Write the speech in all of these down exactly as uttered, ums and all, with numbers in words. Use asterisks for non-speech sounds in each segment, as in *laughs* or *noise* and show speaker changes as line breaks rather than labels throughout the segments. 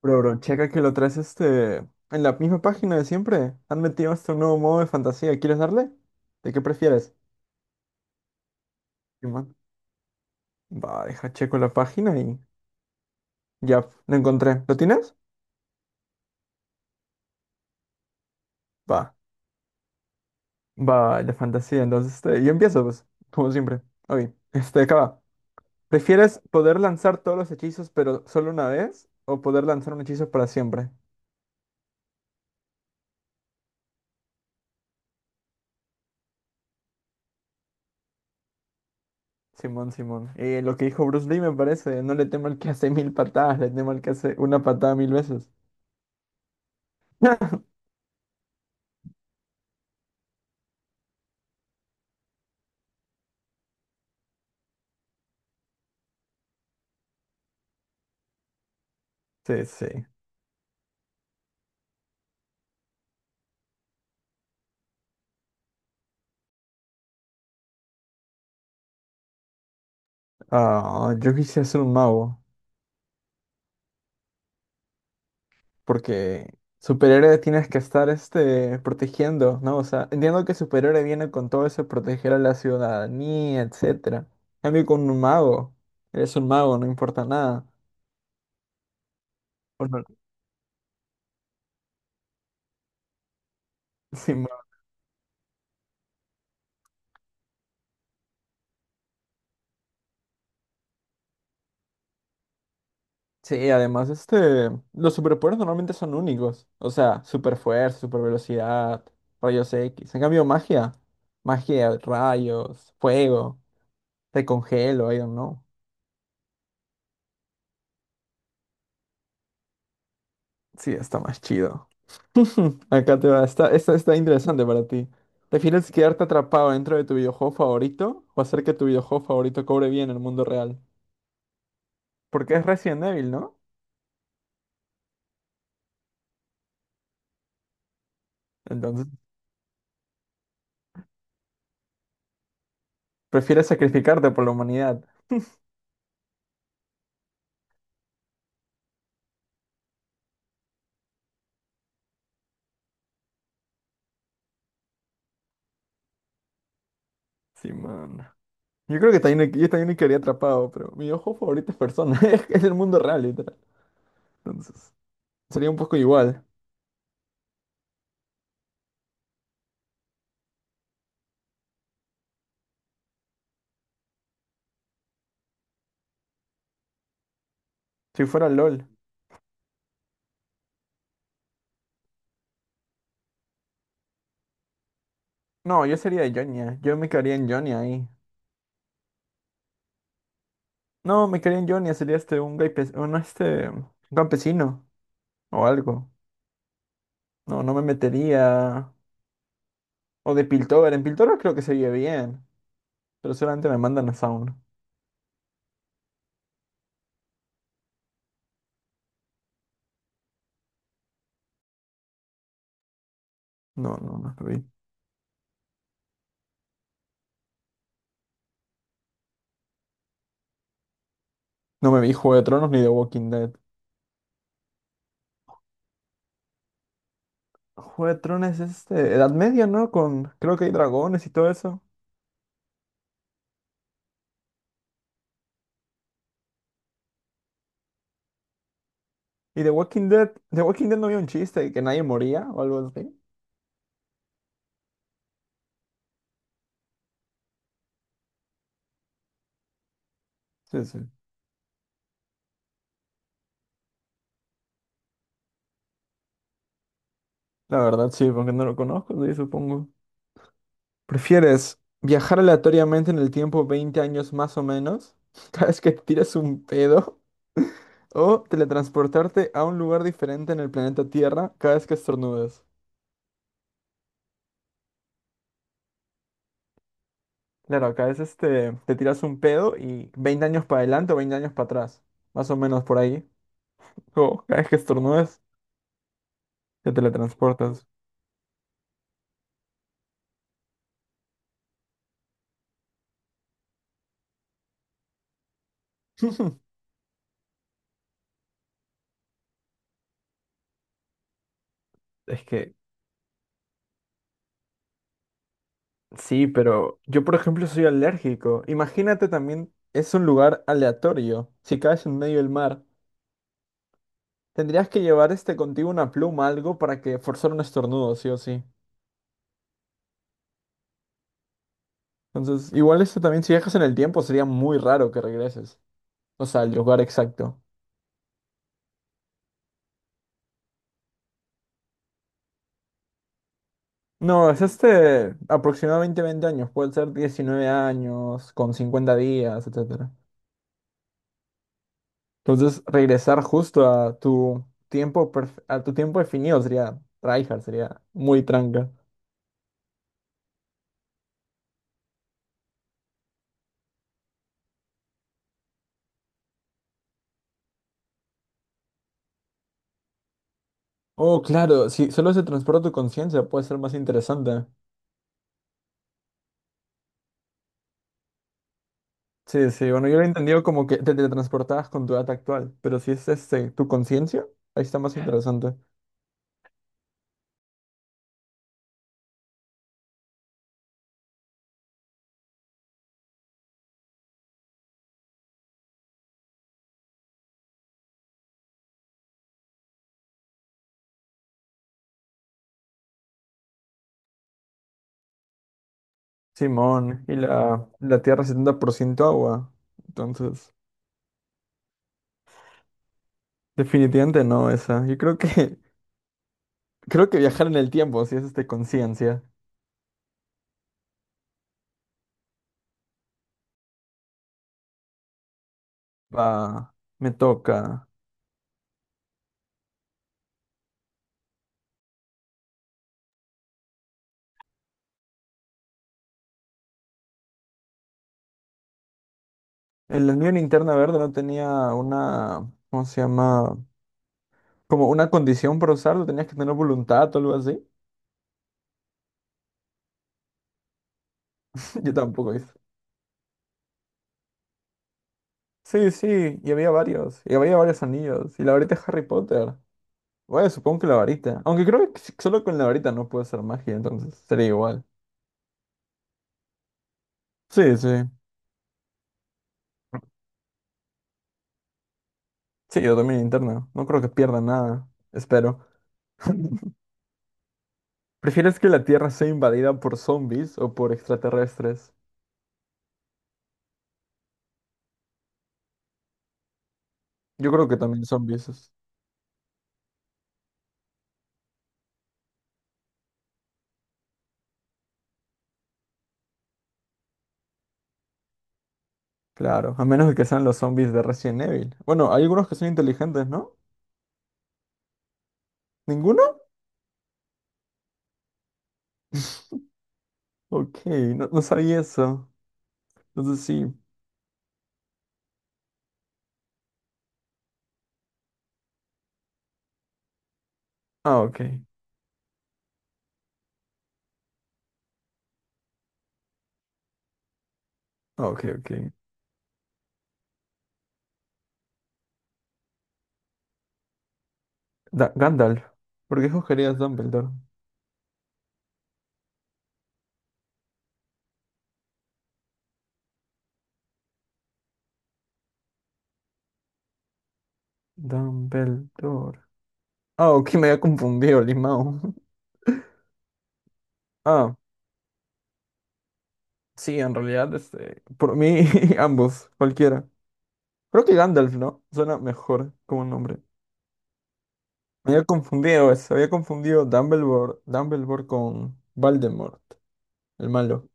Pero bro, checa que lo traes este en la misma página de siempre. Han metido hasta un nuevo modo de fantasía. ¿Quieres darle? ¿De qué prefieres? Simón. Va, deja checo la página y ya lo encontré. ¿Lo tienes? Va, va, el de fantasía. Entonces, este, yo empiezo, pues, como siempre. Oye, este, acá va. ¿Prefieres poder lanzar todos los hechizos, pero solo una vez? ¿O poder lanzar un hechizo para siempre? Simón, Simón. Eh, lo que dijo Bruce Lee me parece. No le temo al que hace mil patadas, le temo al que hace una patada mil veces. *laughs* Sí, sí. Ah, yo quisiera ser un mago, porque superhéroe tienes que estar este, protegiendo, ¿no? O sea, entiendo que superhéroe viene con todo eso de proteger a la ciudadanía, etcétera. En cambio, con un mago, eres un mago, no importa nada. O no- *laughs* sí, ma- sí, además, este, los superpoderes normalmente son únicos. O sea, super fuerza, super velocidad, rayos X. En cambio, magia, magia, rayos, fuego, te congelo, I don't know. Sí, está más chido. *laughs* Hmm, Acá te va. Está, esta está interesante para ti. ¿Prefieres quedarte atrapado dentro de tu videojuego favorito o hacer que tu videojuego favorito cobre bien en el mundo real? Porque es Resident Evil, ¿no? Entonces, prefieres sacrificarte por la humanidad. Sí, man. Yo creo que también, yo también me quedaría atrapado, pero mi videojuego favorito es Persona. *laughs* Es es el mundo real, literal. Entonces, sería un poco igual. Si fuera LOL. No, yo sería de Jonia. Yo me quedaría en Jonia ahí. No, me quedaría en Jonia. Sería este, un, gaipe- un, este, un campesino o algo. No, no me metería. O de Piltover. En Piltover creo que se vive bien. Pero solamente me mandan a Sound. No, no, no me vi. No me vi Juego de Tronos ni de Walking Dead. Juego de Tronos es este, Edad Media, ¿no? Con, creo que hay dragones y todo eso. Y de Walking Dead, de Walking Dead no había un chiste de que nadie moría o algo así. Sí, sí. La verdad, sí, porque no lo conozco, sí, supongo. ¿Prefieres viajar aleatoriamente en el tiempo veinte años más o menos? *laughs* Cada vez que te tiras un pedo. O teletransportarte a un lugar diferente en el planeta Tierra cada vez que estornudes. Claro, acá es este, te tiras un pedo y veinte años para adelante o veinte años para atrás. Más o menos por ahí. O cada vez que estornudes, te teletransportas. *laughs* Es que sí, pero yo por ejemplo soy alérgico. Imagínate también, es un lugar aleatorio. Si caes en medio del mar, tendrías que llevar este contigo una pluma, algo para que forzar un estornudo, sí o sí. Entonces, igual esto también si viajas en el tiempo sería muy raro que regreses. O sea, el lugar exacto. No, es este aproximadamente veinte años, puede ser diecinueve años, con cincuenta días, etcétera. Entonces, regresar justo a tu tiempo perf- a tu tiempo definido sería tryhard, sería muy tranca. Oh, claro, si solo se transporta tu conciencia, puede ser más interesante. Sí, sí, bueno, yo lo he entendido como que te teletransportabas con tu edad actual, pero si es este, tu conciencia, ahí está más interesante. Simón, y la, la Tierra es setenta por ciento agua, entonces. Definitivamente no esa. Yo creo que *laughs* creo que viajar en el tiempo, si es este conciencia, va, me toca. En la Unión Interna Verde no tenía una, ¿cómo se llama? Como una condición para usarlo, tenías que tener voluntad o algo así. *laughs* Yo tampoco hice. Sí, sí, y había varios, y había varios anillos, y la varita de Harry Potter. Bueno, supongo que la varita. Aunque creo que s- solo con la varita no puede ser magia, entonces sería igual. Sí, sí. Sí, yo también interna. No creo que pierda nada. Espero. *laughs* ¿Prefieres que la Tierra sea invadida por zombies o por extraterrestres? Yo creo que también zombies. Claro, a menos de que sean los zombies de Resident Evil. Bueno, hay algunos que son inteligentes, ¿no? ¿Ninguno? *laughs* Ok, no, no sabía eso. Entonces sí. Ah, ok. Ah, ok, ok. Da- Gandalf. ¿Por qué escogerías Dumbledore? Dumbledore. Ah, ok, me había confundido, Limao. *laughs* Ah, sí, en realidad, este, por mí, *laughs* ambos, cualquiera. Creo que Gandalf, ¿no? Suena mejor como nombre. Me había confundido, se había confundido Dumbledore, Dumbledore, con Voldemort, el malo.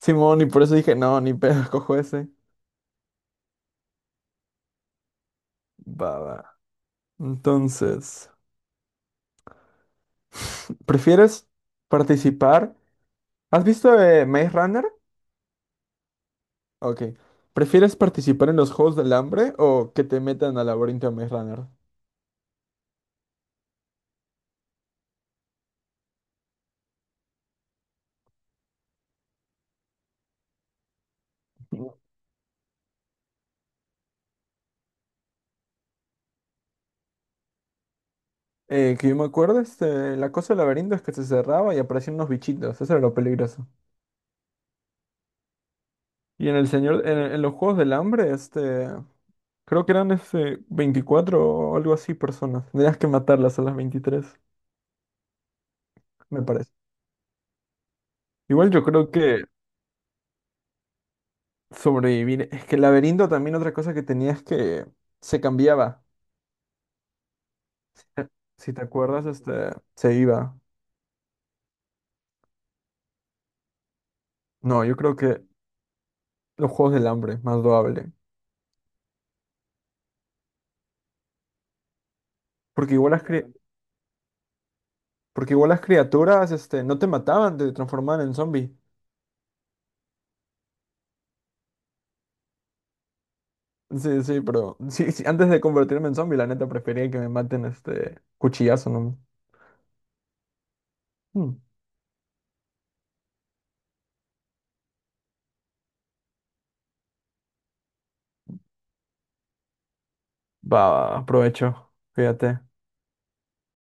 Simón, y por eso dije, no, ni pedo, *laughs* cojo ese. Va, va. Entonces, ¿prefieres participar? ¿Has visto eh, Maze Runner? Ok. ¿Prefieres participar en los Juegos del Hambre o que te metan al laberinto de Maze Runner? Eh, que yo me acuerdo, este, la cosa del laberinto es que se cerraba y aparecían unos bichitos, eso era lo peligroso. Y en el señor, en, en los Juegos del Hambre, este, creo que eran ese veinticuatro o algo así personas. Tenías que matarlas a las veintitrés me parece. Igual yo creo que sobrevivir. Es que el laberinto también otra cosa que tenía es que se cambiaba. Eh, Si te acuerdas, este, se iba. No, yo creo que los juegos del hambre, más loable. Porque igual las, cri- porque igual las criaturas este, no te mataban, te transformaban en zombie. Sí, sí, pero *laughs* sí, sí, antes de convertirme en zombie, la neta prefería que me maten este cuchillazo, ¿no? Hmm. Va, aprovecho. Fíjate.